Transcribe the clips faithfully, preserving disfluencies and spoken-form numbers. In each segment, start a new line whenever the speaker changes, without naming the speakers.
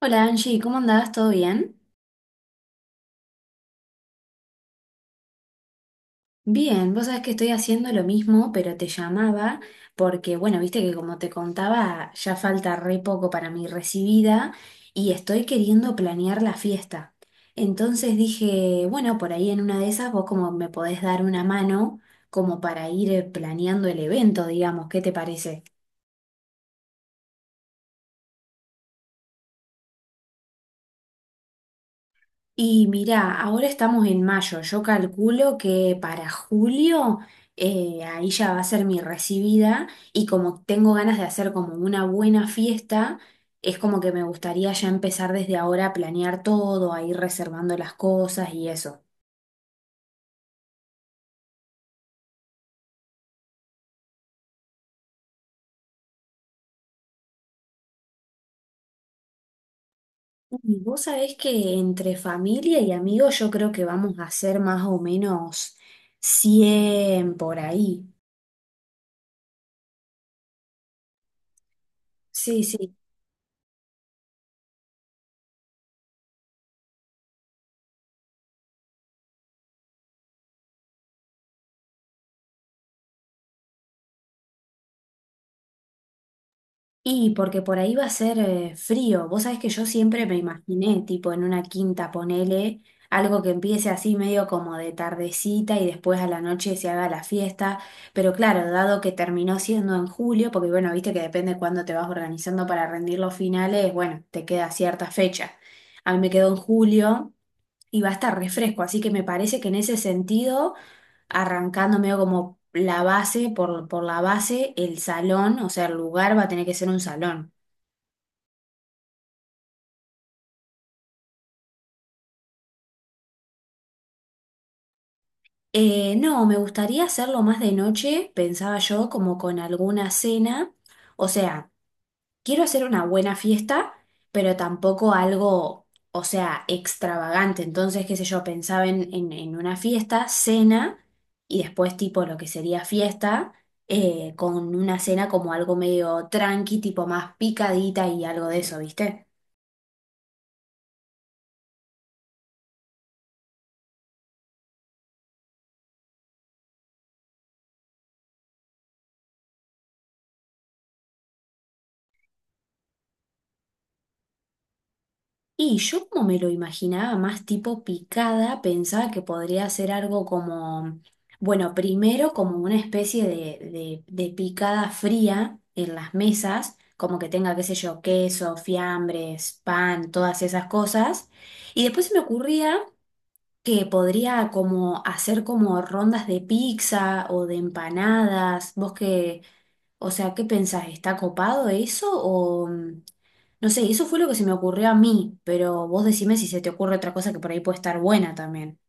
Hola Angie, ¿cómo andás? ¿Todo bien? Bien, vos sabés que estoy haciendo lo mismo, pero te llamaba porque, bueno, viste que como te contaba, ya falta re poco para mi recibida y estoy queriendo planear la fiesta. Entonces dije, bueno, por ahí en una de esas vos como me podés dar una mano como para ir eh, planeando el evento, digamos, ¿qué te parece? Y mirá, ahora estamos en mayo. Yo calculo que para julio eh, ahí ya va a ser mi recibida y como tengo ganas de hacer como una buena fiesta, es como que me gustaría ya empezar desde ahora a planear todo, a ir reservando las cosas y eso. Y vos sabés que entre familia y amigos yo creo que vamos a hacer más o menos cien por ahí. Sí, sí. Y porque por ahí va a ser eh, frío. Vos sabés que yo siempre me imaginé, tipo en una quinta, ponele, algo que empiece así medio como de tardecita y después a la noche se haga la fiesta. Pero claro, dado que terminó siendo en julio, porque bueno, viste que depende cuándo te vas organizando para rendir los finales, bueno, te queda cierta fecha. A mí me quedó en julio y va a estar refresco. Así que me parece que en ese sentido, arrancando medio como la base, por, por la base, el salón, o sea, el lugar va a tener que ser un salón. Eh, no, me gustaría hacerlo más de noche, pensaba yo, como con alguna cena. O sea, quiero hacer una buena fiesta, pero tampoco algo, o sea, extravagante. Entonces, qué sé yo, pensaba en, en- en una fiesta, cena, y después tipo lo que sería fiesta, eh, con una cena como algo medio tranqui, tipo más picadita y algo de eso, ¿viste? Y yo como me lo imaginaba más tipo picada, pensaba que podría ser algo como, bueno, primero como una especie de, de, de picada fría en las mesas, como que tenga, qué sé yo, queso, fiambres, pan, todas esas cosas. Y después se me ocurría que podría como hacer como rondas de pizza o de empanadas. ¿Vos qué, o sea, ¿qué pensás? ¿Está copado eso? O mm, no sé, eso fue lo que se me ocurrió a mí, pero vos decime si se te ocurre otra cosa que por ahí puede estar buena también.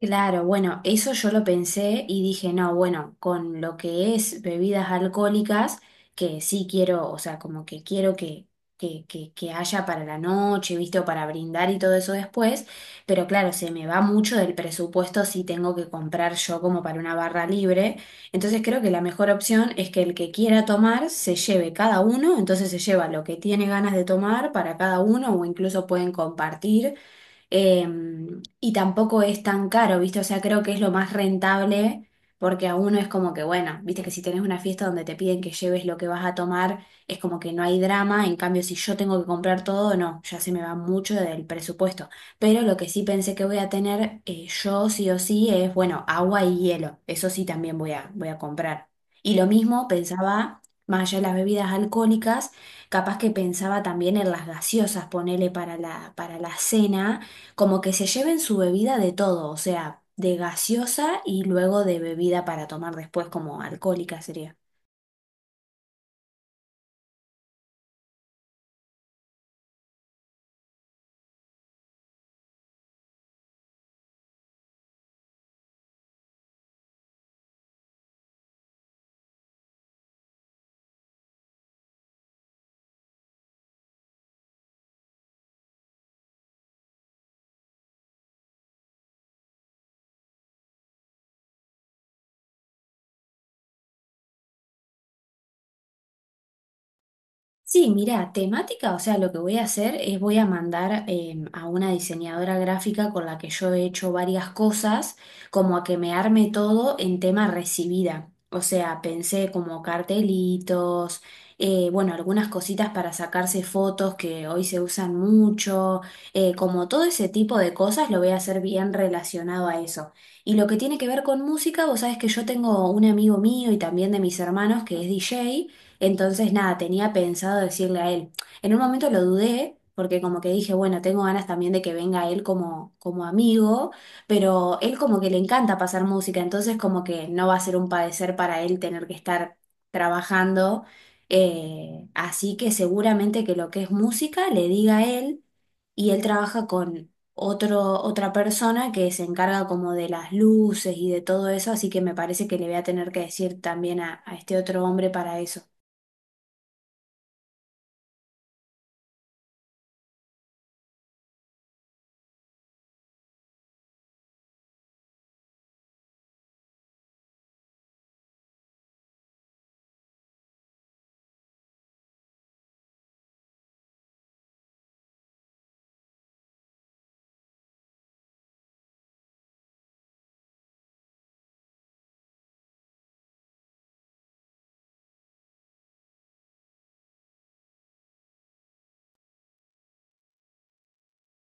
Claro, bueno, eso yo lo pensé y dije, no, bueno, con lo que es bebidas alcohólicas, que sí quiero, o sea, como que quiero que, que, que, que haya para la noche, ¿viste? O para brindar y todo eso después, pero claro, se me va mucho del presupuesto si tengo que comprar yo como para una barra libre. Entonces creo que la mejor opción es que el que quiera tomar se lleve cada uno, entonces se lleva lo que tiene ganas de tomar para cada uno o incluso pueden compartir eh, y tampoco es tan caro, ¿viste? O sea, creo que es lo más rentable porque a uno es como que, bueno, viste que si tenés una fiesta donde te piden que lleves lo que vas a tomar, es como que no hay drama, en cambio si yo tengo que comprar todo, no, ya se me va mucho del presupuesto. Pero lo que sí pensé que voy a tener eh, yo sí o sí es, bueno, agua y hielo, eso sí también voy a, voy a comprar. Y lo mismo pensaba, más allá de las bebidas alcohólicas, capaz que pensaba también en las gaseosas, ponele para la, para la cena como que se lleven su bebida de todo, o sea, de gaseosa y luego de bebida para tomar después como alcohólica sería. Sí, mira, temática, o sea, lo que voy a hacer es voy a mandar eh, a una diseñadora gráfica con la que yo he hecho varias cosas, como a que me arme todo en tema recibida. O sea, pensé como cartelitos, eh, bueno, algunas cositas para sacarse fotos que hoy se usan mucho, eh, como todo ese tipo de cosas lo voy a hacer bien relacionado a eso. Y lo que tiene que ver con música, vos sabés que yo tengo un amigo mío y también de mis hermanos que es D J. Entonces, nada, tenía pensado decirle a él. En un momento lo dudé, porque como que dije, bueno, tengo ganas también de que venga él como, como amigo, pero él como que le encanta pasar música, entonces como que no va a ser un padecer para él tener que estar trabajando. Eh, así que seguramente que lo que es música le diga a él y él trabaja con otro, otra persona que se encarga como de las luces y de todo eso, así que me parece que le voy a tener que decir también a, a este otro hombre para eso.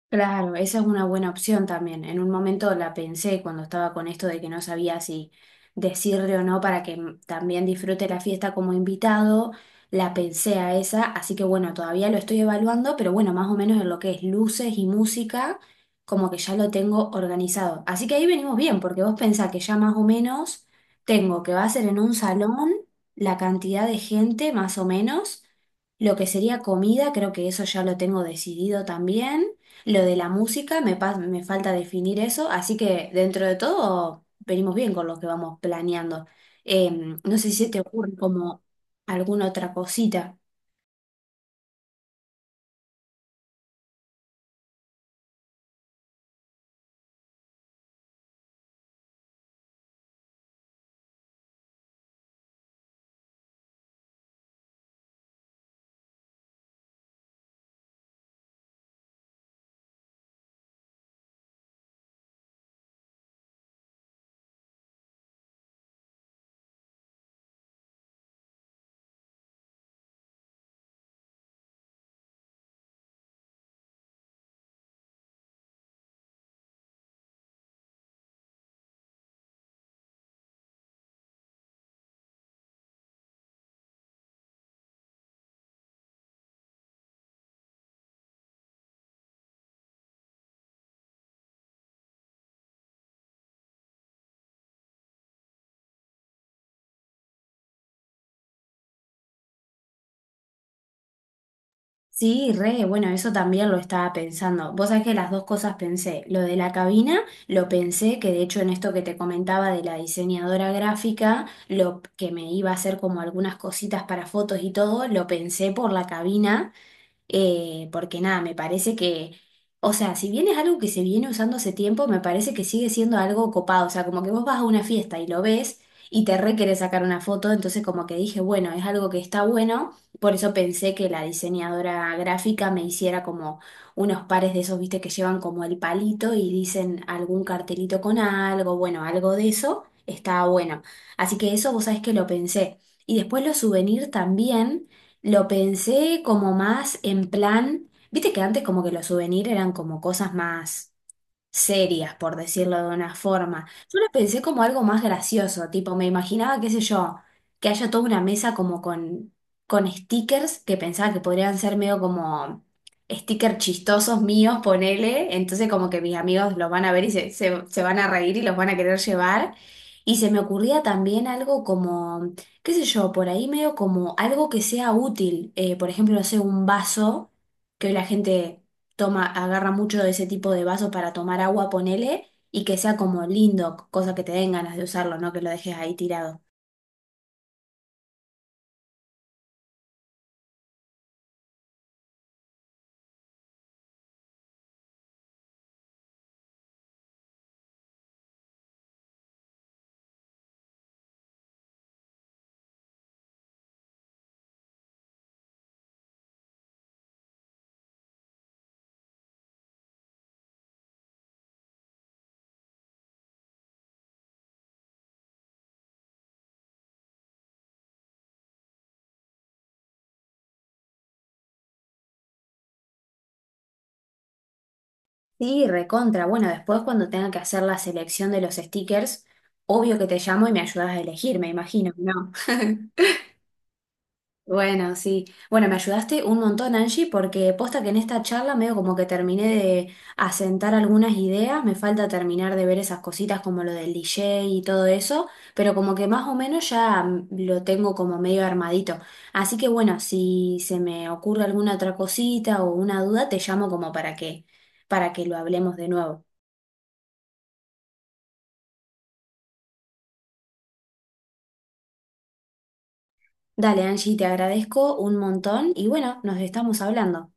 Claro, esa es una buena opción también. En un momento la pensé cuando estaba con esto de que no sabía si decirle o no para que m- también disfrute la fiesta como invitado. La pensé a esa, así que bueno, todavía lo estoy evaluando, pero bueno, más o menos en lo que es luces y música, como que ya lo tengo organizado. Así que ahí venimos bien, porque vos pensás que ya más o menos tengo que va a ser en un salón la cantidad de gente, más o menos. Lo que sería comida, creo que eso ya lo tengo decidido también. Lo de la música, me, pas- me falta definir eso, así que dentro de todo venimos bien con lo que vamos planeando. Em, no sé si se te ocurre como alguna otra cosita. Sí, re, bueno, eso también lo estaba pensando. Vos sabés que las dos cosas pensé. Lo de la cabina, lo pensé, que de hecho en esto que te comentaba de la diseñadora gráfica, lo que me iba a hacer como algunas cositas para fotos y todo, lo pensé por la cabina. Eh, porque nada, me parece que, o sea, si bien es algo que se viene usando hace tiempo, me parece que sigue siendo algo copado, o sea, como que vos vas a una fiesta y lo ves y te re querés sacar una foto, entonces como que dije, bueno, es algo que está bueno, por eso pensé que la diseñadora gráfica me hiciera como unos pares de esos, viste, que llevan como el palito y dicen algún cartelito con algo, bueno, algo de eso, está bueno. Así que eso vos sabés que lo pensé. Y después los souvenirs también. Lo pensé como más en plan, viste que antes como que los souvenirs eran como cosas más serias, por decirlo de una forma. Yo lo pensé como algo más gracioso, tipo, me imaginaba, qué sé yo, que haya toda una mesa como con, con stickers que pensaba que podrían ser medio como stickers chistosos míos, ponele, entonces como que mis amigos los van a ver y se, se, se van a reír y los van a querer llevar. Y se me ocurría también algo como, qué sé yo, por ahí medio como algo que sea útil, eh, por ejemplo, no sé, un vaso que hoy la gente toma, agarra mucho de ese tipo de vaso para tomar agua, ponele, y que sea como lindo, cosa que te den ganas de usarlo, no que lo dejes ahí tirado. Sí, recontra. Bueno, después cuando tenga que hacer la selección de los stickers, obvio que te llamo y me ayudas a elegir, me imagino, ¿no? Bueno, sí. Bueno, me ayudaste un montón, Angie, porque posta que en esta charla medio como que terminé de asentar algunas ideas, me falta terminar de ver esas cositas como lo del D J y todo eso, pero como que más o menos ya mm, lo tengo como medio armadito. Así que bueno, si se me ocurre alguna otra cosita o una duda, te llamo como para que, para que lo hablemos de nuevo. Dale, Angie, te agradezco un montón y bueno, nos estamos hablando.